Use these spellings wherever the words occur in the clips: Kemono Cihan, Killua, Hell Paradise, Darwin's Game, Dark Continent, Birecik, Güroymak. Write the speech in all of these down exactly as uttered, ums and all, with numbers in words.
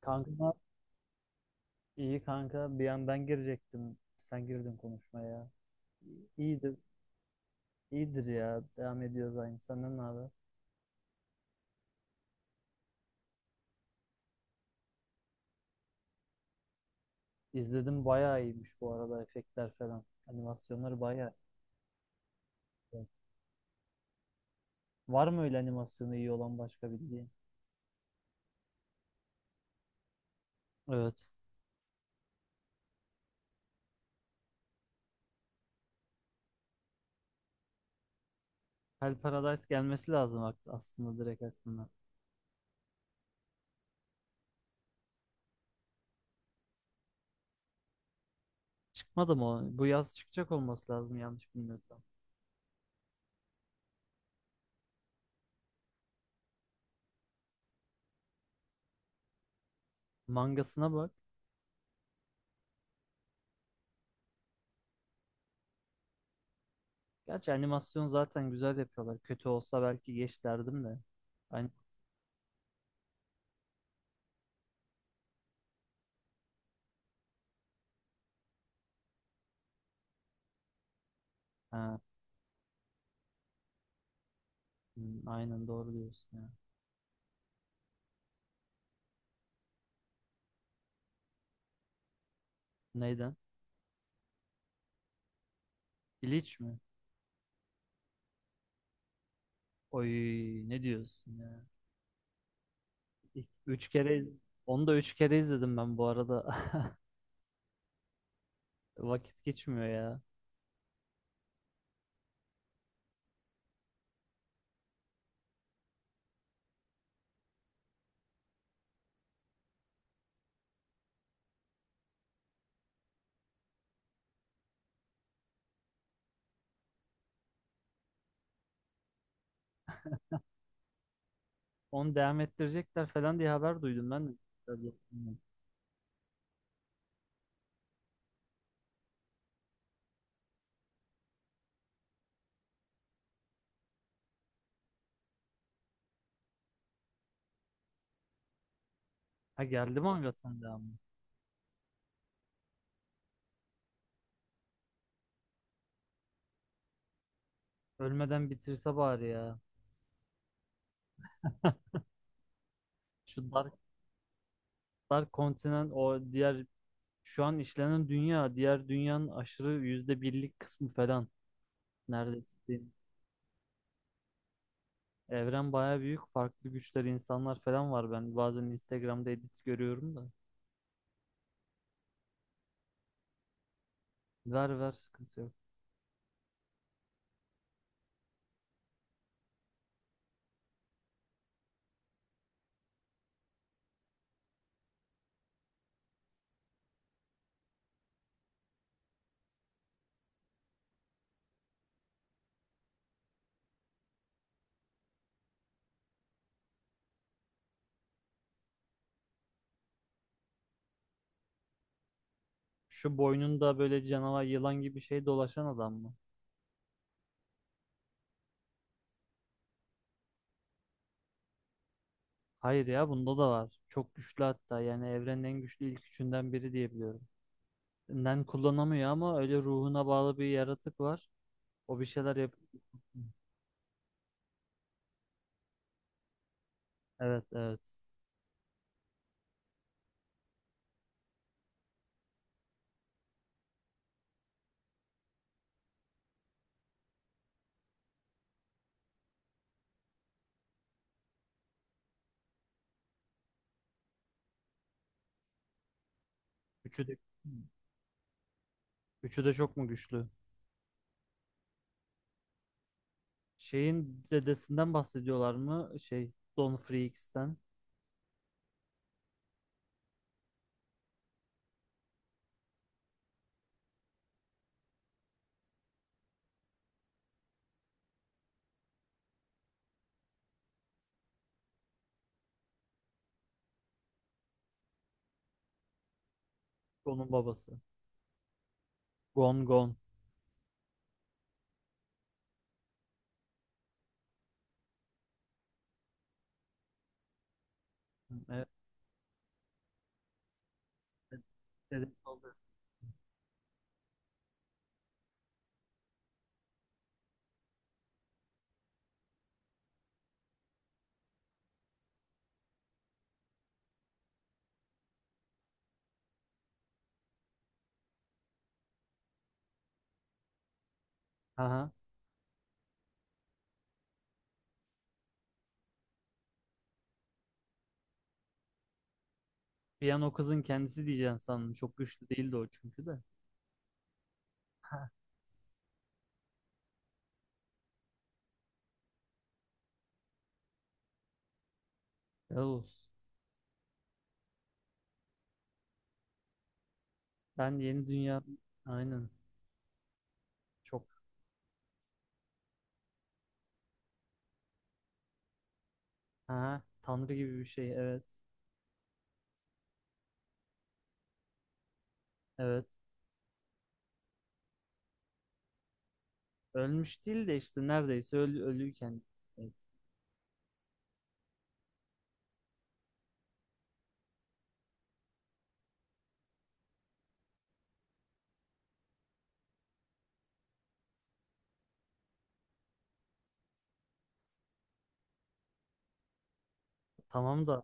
Kanka iyi kanka bir an ben girecektim. Sen girdin konuşmaya. İyidir, iyidir ya. Devam ediyoruz aynı. Senden ne haber? İzledim, bayağı iyiymiş bu arada efektler falan. Animasyonları bayağı iyi. Var mı öyle animasyonu iyi olan başka bildiğin? Evet. Hell Paradise gelmesi lazım ak- aslında, direkt aklına. Çıkmadı mı o? Bu yaz çıkacak olması lazım yanlış bilmiyorsam. Mangasına bak. Gerçi animasyon zaten güzel yapıyorlar. Kötü olsa belki geç derdim de. Hani. Hmm, aynen, doğru diyorsun ya. Neyden? İliç mi? Oy, ne diyorsun ya? İlk- Üç kere iz- Onu da üç kere izledim ben bu arada. Vakit geçmiyor ya. Onu devam ettirecekler falan diye haber duydum ben de. Tabii. Ha, geldi mi Angas'ın devamı? Ölmeden bitirse bari ya. Şu Dark, Dark Continent, o diğer şu an işlenen dünya, diğer dünyanın aşırı yüzde birlik kısmı falan neredeyse. Evren baya büyük. Farklı güçler, insanlar falan var. Ben bazen Instagram'da edit görüyorum da. Ver ver, sıkıntı yok. Şu boynunda böyle canavar, yılan gibi şey dolaşan adam mı? Hayır ya, bunda da var. Çok güçlü hatta, yani evrenin en güçlü ilk üçünden biri diye biliyorum. Nen kullanamıyor ama öyle ruhuna bağlı bir yaratık var. O bir şeyler yap. Evet evet. Üçü de, üçü de çok mu güçlü? Şeyin dedesinden bahsediyorlar mı? Şey, Don Freaks'ten. Gon'un babası. Gon Gon. Evet. Dedesi oldu. Aha. Bir an o kızın kendisi diyeceğim sandım. Çok güçlü değildi o çünkü de. Ha. Helal olsun. Ben yeni dünya... Aynen. Çok. Ha. Tanrı gibi bir şey. Evet. Evet. Ölmüş değil de işte neredeyse ölü, ölüyken. Evet. Tamam da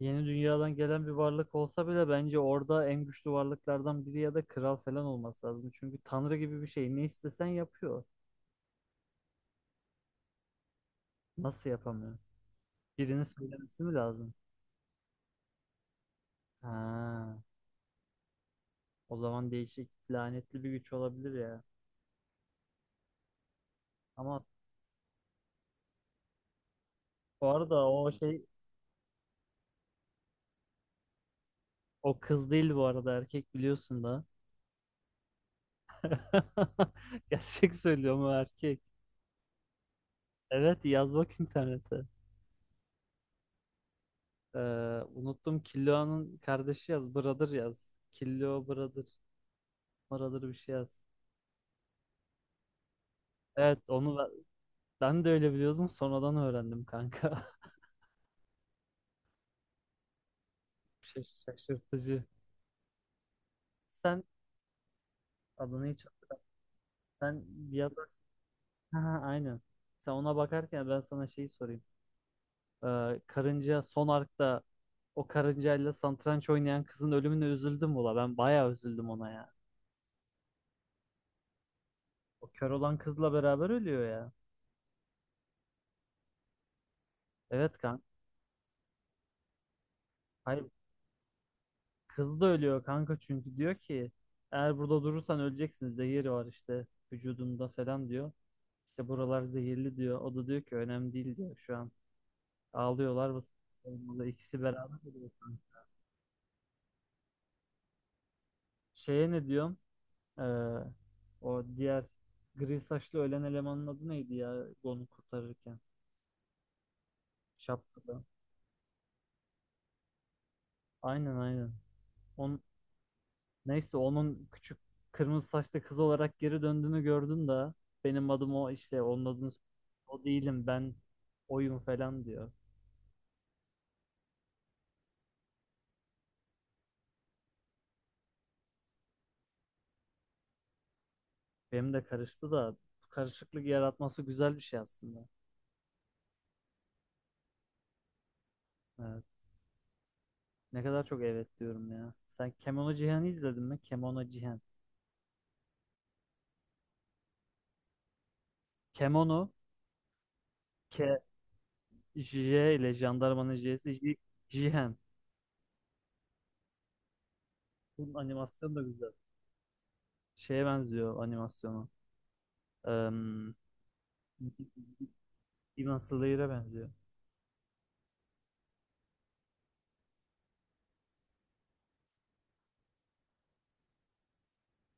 yeni dünyadan gelen bir varlık olsa bile bence orada en güçlü varlıklardan biri ya da kral falan olması lazım. Çünkü Tanrı gibi bir şey. Ne istesen yapıyor. Nasıl yapamıyor? Birini söylemesi mi lazım? Ha. O zaman değişik lanetli bir güç olabilir ya. Ama bu arada o şey, o kız değil bu arada, erkek biliyorsun da. Gerçek söylüyorum, o erkek. Evet, yaz bak internete. Ee, unuttum, Killua'nın kardeşi yaz. Brother yaz. Killua Brother. Brother bir şey yaz. Evet onu ben, ben de öyle biliyordum. Sonradan öğrendim kanka. Şaş- Şaşırtıcı. Sen adını hiç sen bir yaz. aynen. Sen ona bakarken ben sana şeyi sorayım. Ee, karınca son arkta, o karıncayla satranç oynayan kızın ölümüne üzüldüm ula. Ben bayağı üzüldüm ona ya. O kör olan kızla beraber ölüyor ya. Evet kanka. Hayır, kız da ölüyor kanka, çünkü diyor ki eğer burada durursan öleceksin, zehir var işte vücudunda falan diyor. İşte buralar zehirli diyor. O da diyor ki önemli değil diyor şu an. Ağlıyorlar ve sarılmalı. İkisi beraber ölüyor, kanka. Şeye ne diyorum? Ee, o diğer gri saçlı ölen elemanın adı neydi ya, onu kurtarırken şapkalı. Aynen aynen. On, neyse, onun küçük kırmızı saçlı kız olarak geri döndüğünü gördün de, benim adım o işte, onun adını o değilim ben, oyum falan diyor. Benim de karıştı da, bu karışıklık yaratması güzel bir şey aslında. Evet. Ne kadar çok evet diyorum ya. Sen Kemono Cihan'ı izledin mi? Kemono Cihan. Kemono K, J ile jandarmanın J'si J, Jihen. Bunun animasyonu da güzel. Şeye benziyor animasyonu. Um, Demon Slayer'e benziyor.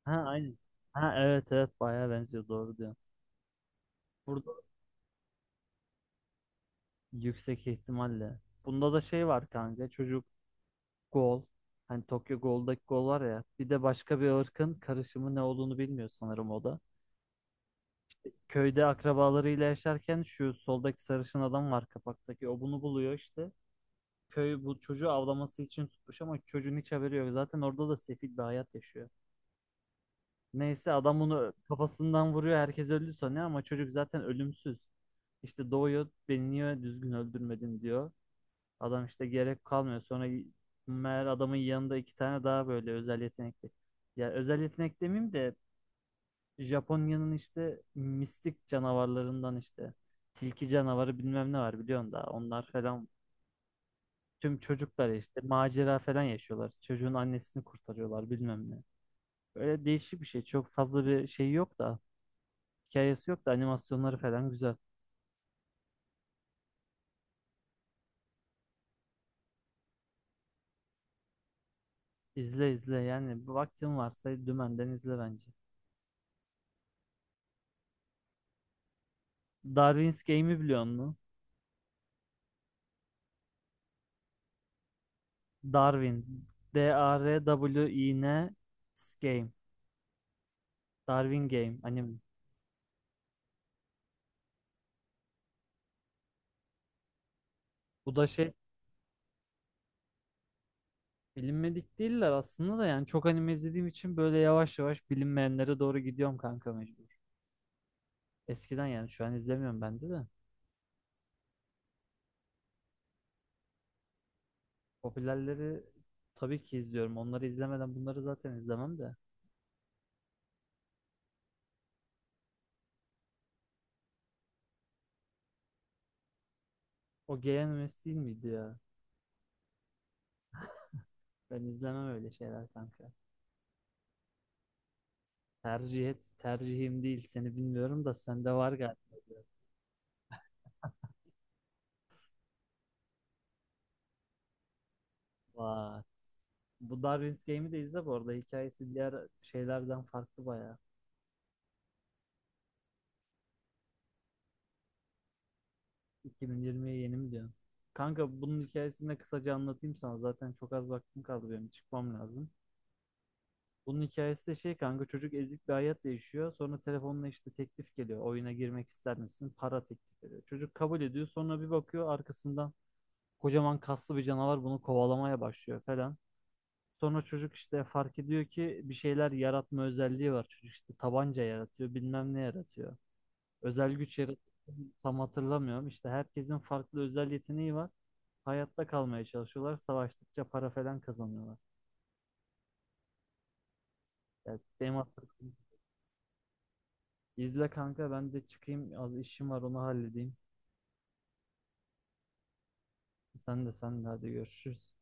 Ha aynı. Ha, evet evet, bayağı benziyor, doğru diyorsun. Burada yüksek ihtimalle. Bunda da şey var kanka, çocuk gol. Hani Tokyo Ghoul'daki gol var ya. Bir de başka bir ırkın karışımı ne olduğunu bilmiyor sanırım o da. Köyde akrabalarıyla yaşarken şu soldaki sarışın adam var kapaktaki. O bunu buluyor işte. Köy bu çocuğu avlaması için tutmuş ama çocuğun hiç haberi yok. Zaten orada da sefil bir hayat yaşıyor. Neyse adam bunu kafasından vuruyor. Herkes öldü sanıyor ama çocuk zaten ölümsüz. İşte doğuyor, beni niye düzgün öldürmedin diyor. Adam işte gerek kalmıyor. Sonra meğer adamın yanında iki tane daha böyle özel yetenekli. Ya özel yetenek demeyeyim de Japonya'nın işte mistik canavarlarından, işte tilki canavarı bilmem ne var biliyorsun da, onlar falan. Tüm çocuklar işte macera falan yaşıyorlar. Çocuğun annesini kurtarıyorlar bilmem ne. Böyle değişik bir şey. Çok fazla bir şey yok da. Hikayesi yok da animasyonları falan güzel. İzle izle yani. Bir vaktin varsa dümenden izle bence. Darwin's Game'i biliyor musun? Darwin. D A R W I N Game. Darwin Game. Anime. Bu da şey, bilinmedik değiller aslında da, yani çok anime izlediğim için böyle yavaş yavaş bilinmeyenlere doğru gidiyorum kanka, mecbur. Eskiden, yani şu an izlemiyorum ben de de. Popülerleri tabii ki izliyorum. Onları izlemeden bunları zaten izlemem de. O G N M S değil miydi ya? Ben izlemem öyle şeyler kanka. Tercih et, tercihim değil. Seni bilmiyorum da sende var galiba. Vay. Bu Darwin's Game'i de izle bu arada. Hikayesi diğer şeylerden farklı bayağı. iki bin yirmiye yeni mi diyorsun? Kanka bunun hikayesini de kısaca anlatayım sana. Zaten çok az vaktim kaldı benim. Çıkmam lazım. Bunun hikayesi de şey kanka, çocuk ezik bir hayat yaşıyor. Sonra telefonla işte teklif geliyor. Oyuna girmek ister misin? Para teklif ediyor. Çocuk kabul ediyor. Sonra bir bakıyor arkasından kocaman kaslı bir canavar bunu kovalamaya başlıyor falan. Sonra çocuk işte fark ediyor ki bir şeyler yaratma özelliği var. Çocuk işte tabanca yaratıyor, bilmem ne yaratıyor. Özel güç yaratıyor. Tam hatırlamıyorum. İşte herkesin farklı özel yeteneği var. Hayatta kalmaya çalışıyorlar. Savaştıkça para falan kazanıyorlar. Yani benim hatırladığım İzle kanka, ben de çıkayım, az işim var onu halledeyim. Sen de sen de hadi görüşürüz.